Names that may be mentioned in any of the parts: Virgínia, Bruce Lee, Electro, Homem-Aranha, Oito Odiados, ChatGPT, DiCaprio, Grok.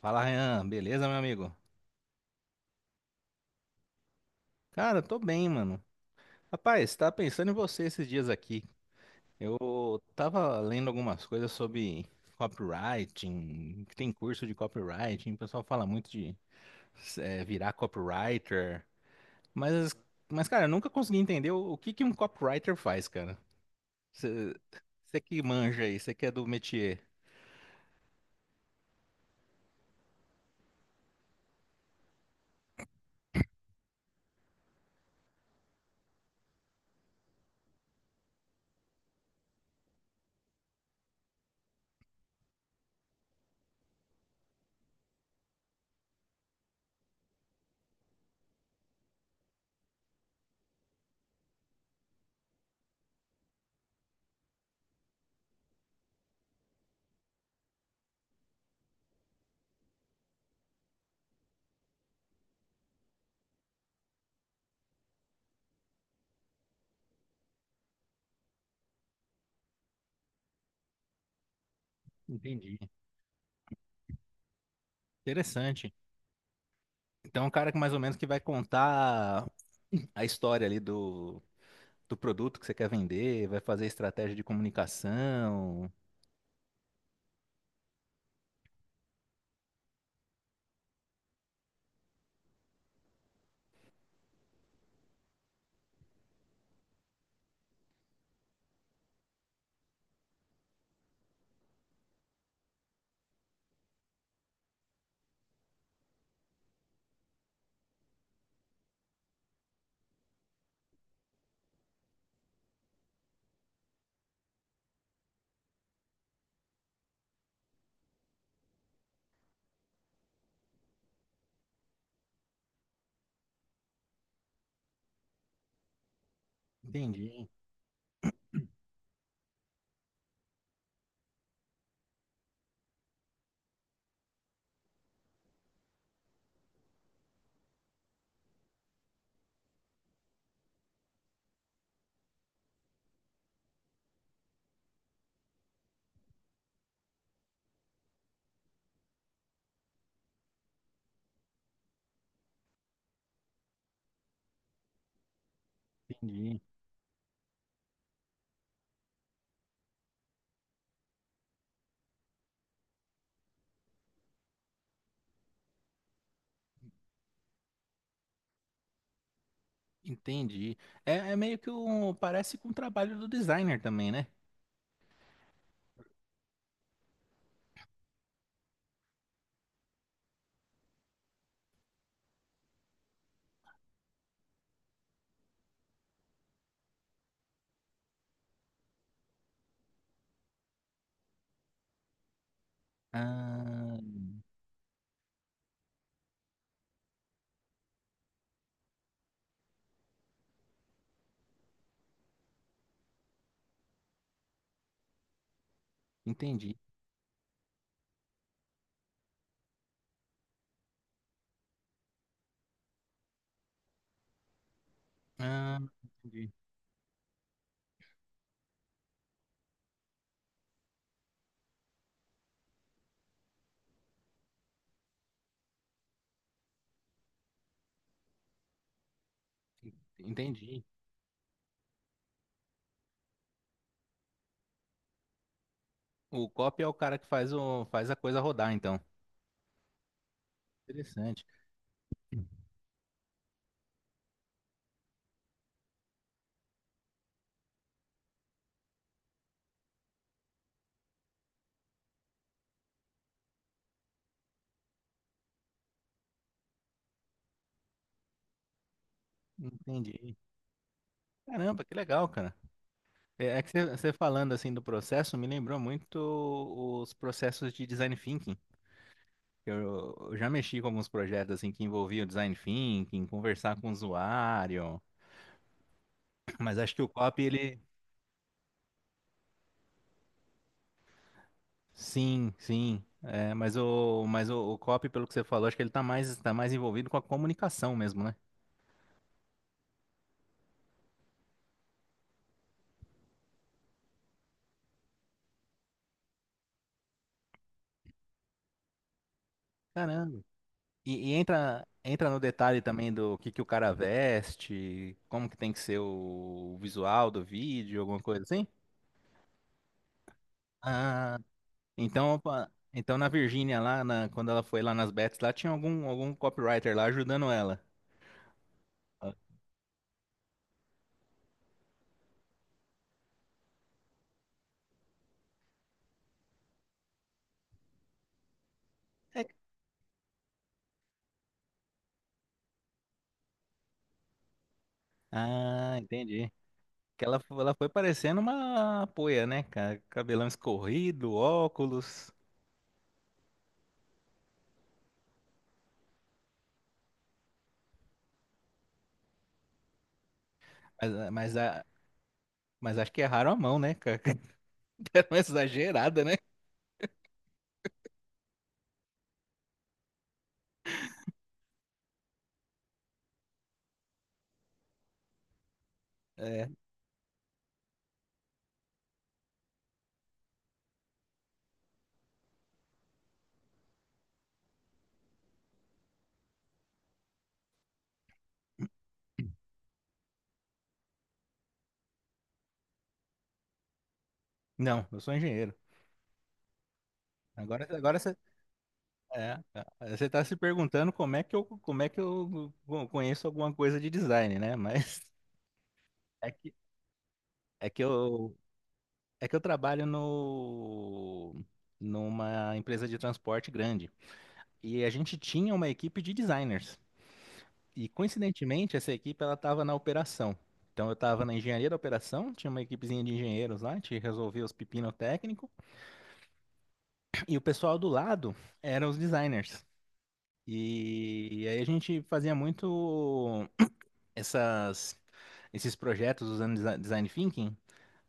Fala, Ryan. Beleza, meu amigo? Cara, tô bem, mano. Rapaz, tava pensando em você esses dias aqui. Eu tava lendo algumas coisas sobre copywriting, que tem curso de copywriting, o pessoal fala muito de virar copywriter, mas, mas, cara, eu nunca consegui entender o que que um copywriter faz, cara. Você que manja aí, você que é do métier. Entendi. Interessante. Então, é um cara que mais ou menos que vai contar a história ali do do produto que você quer vender, vai fazer estratégia de comunicação. Entendi, entendi, entendi. É, é meio que um, parece com o trabalho do designer também, né? Ah, entendi. Ah, entendi. O copy é o cara que faz o, faz a coisa rodar, então. Interessante. Entendi. Caramba, que legal, cara. É, é que você falando assim do processo me lembrou muito os processos de design thinking. Eu já mexi com alguns projetos assim que envolviam design thinking, conversar com o usuário, mas acho que o copy ele sim, sim, é, mas o, o copy pelo que você falou, acho que ele tá mais envolvido com a comunicação mesmo, né? Caramba. E entra no detalhe também do que o cara veste, como que tem que ser o visual do vídeo, alguma coisa assim? Ah, então, opa, então na Virgínia lá, quando ela foi lá nas bets lá, tinha algum copywriter lá ajudando ela. É. Ah, entendi. Que ela, ela foi parecendo uma poia, né, cara? Cabelão escorrido, óculos. Mas, a- mas, a- mas acho que erraram a mão, né, cara? Deram uma exagerada, né? É. Não, eu sou engenheiro. Agora você, é, é, você tá se perguntando como é que eu, como é que eu conheço alguma coisa de design, né? Mas é que, é que eu, é que eu trabalho no, numa empresa de transporte grande. E a gente tinha uma equipe de designers. E coincidentemente, essa equipe ela estava na operação. Então eu estava na engenharia da operação, tinha uma equipezinha de engenheiros lá, a gente resolvia os pepino técnico, e o pessoal do lado eram os designers. E aí a gente fazia muito essas, esses projetos usando design thinking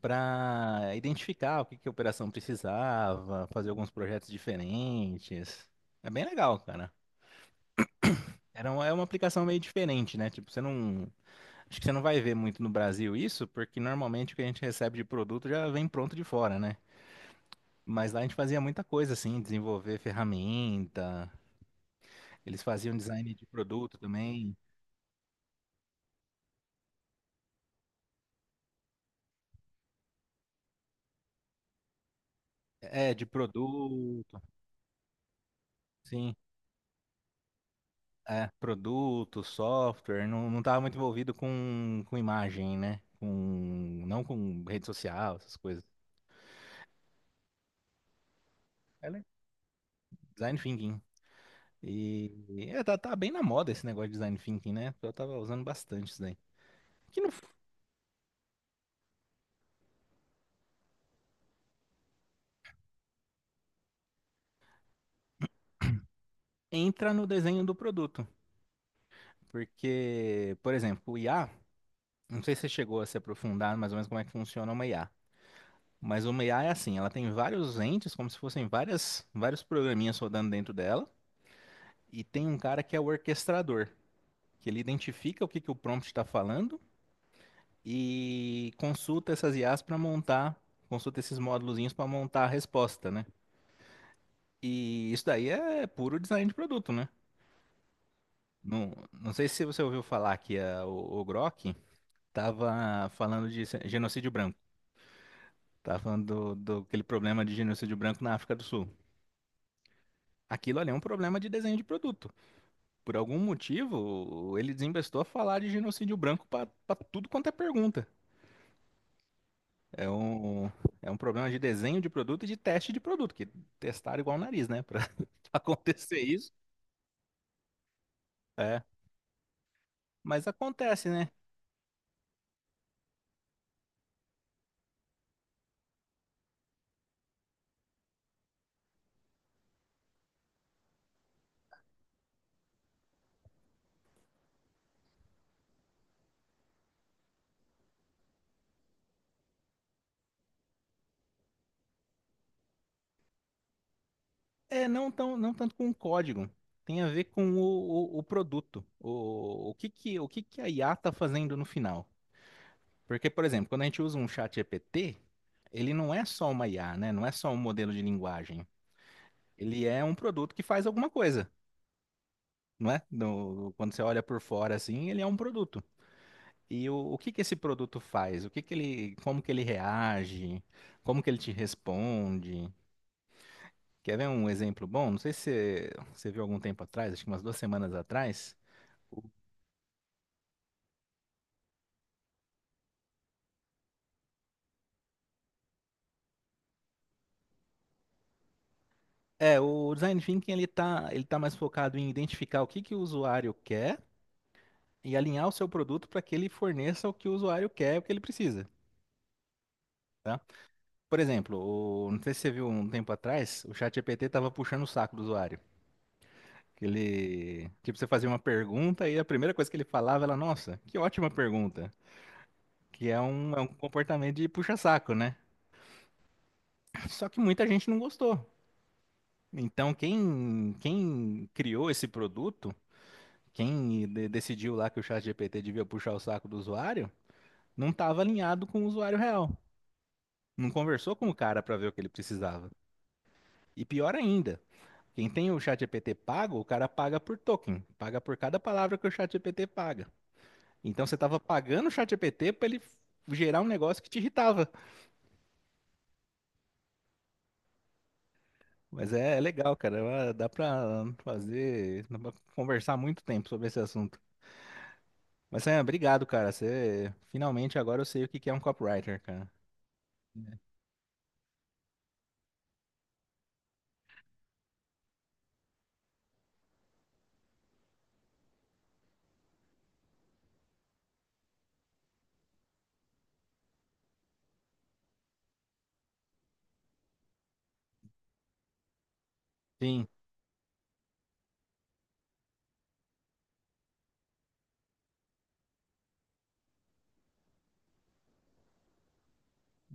para identificar o que que a operação precisava, fazer alguns projetos diferentes. É bem legal, cara. Era uma, é uma aplicação meio diferente, né? Tipo, você não acho que você não vai ver muito no Brasil isso, porque normalmente o que a gente recebe de produto já vem pronto de fora, né? Mas lá a gente fazia muita coisa assim, desenvolver ferramenta, eles faziam design de produto também. É, de produto, sim. É, produto, software, não, não estava muito envolvido com imagem, né? Com, não com rede social, essas coisas. É, design thinking. E é, tá bem na moda esse negócio de design thinking, né? Eu tava usando bastante isso daí. Que não f- Entra no desenho do produto. Porque, por exemplo, o IA, não sei se você chegou a se aprofundar mais ou menos como é que funciona uma IA. Mas uma IA é assim, ela tem vários entes, como se fossem várias, vários programinhas rodando dentro dela, e tem um cara que é o orquestrador, que ele identifica o que que o prompt está falando e consulta essas IAs para montar, consulta esses módulozinhos para montar a resposta, né? E isso daí é puro design de produto, né? Não, não sei se você ouviu falar o Grok estava falando de genocídio branco. Tá falando do, do aquele problema de genocídio branco na África do Sul. Aquilo ali é um problema de desenho de produto. Por algum motivo, ele desembestou a falar de genocídio branco para tudo quanto é pergunta. É um, é um problema de desenho de produto e de teste de produto, que testaram igual o nariz, né? Para acontecer isso. É. Mas acontece, né? É, não tão, não tanto com o código. Tem a ver com o produto. O que que, o que que a IA tá fazendo no final? Porque, por exemplo, quando a gente usa um chat GPT, ele não é só uma IA, né? Não é só um modelo de linguagem. Ele é um produto que faz alguma coisa, não é? Quando você olha por fora assim, ele é um produto. E o que que esse produto faz? O que que ele, como que ele reage? Como que ele te responde? Quer ver um exemplo bom? Não sei se você viu algum tempo atrás, acho que umas duas semanas atrás. É, o design thinking ele tá mais focado em identificar o que que o usuário quer e alinhar o seu produto para que ele forneça o que o usuário quer, o que ele precisa, tá? Por exemplo, não sei se você viu um tempo atrás, o ChatGPT estava puxando o saco do usuário. Que ele, tipo, você fazia uma pergunta e a primeira coisa que ele falava era, nossa, que ótima pergunta. É um comportamento de puxa-saco, né? Só que muita gente não gostou. Então, quem criou esse produto, quem decidiu lá que o ChatGPT devia puxar o saco do usuário, não estava alinhado com o usuário real. Não conversou com o cara para ver o que ele precisava. E pior ainda, quem tem o ChatGPT pago, o cara paga por token, paga por cada palavra que o ChatGPT paga. Então você estava pagando o ChatGPT para ele gerar um negócio que te irritava. Mas é, é legal, cara. Dá pra fazer, dá pra conversar muito tempo sobre esse assunto. Mas Sam, obrigado, cara. Você finalmente agora eu sei o que que é um copywriter, cara. Sim.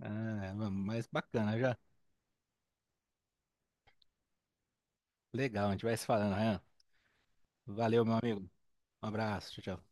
Ah, mas bacana já. Legal, a gente vai se falando, Ryan. Valeu, meu amigo. Um abraço, tchau, tchau.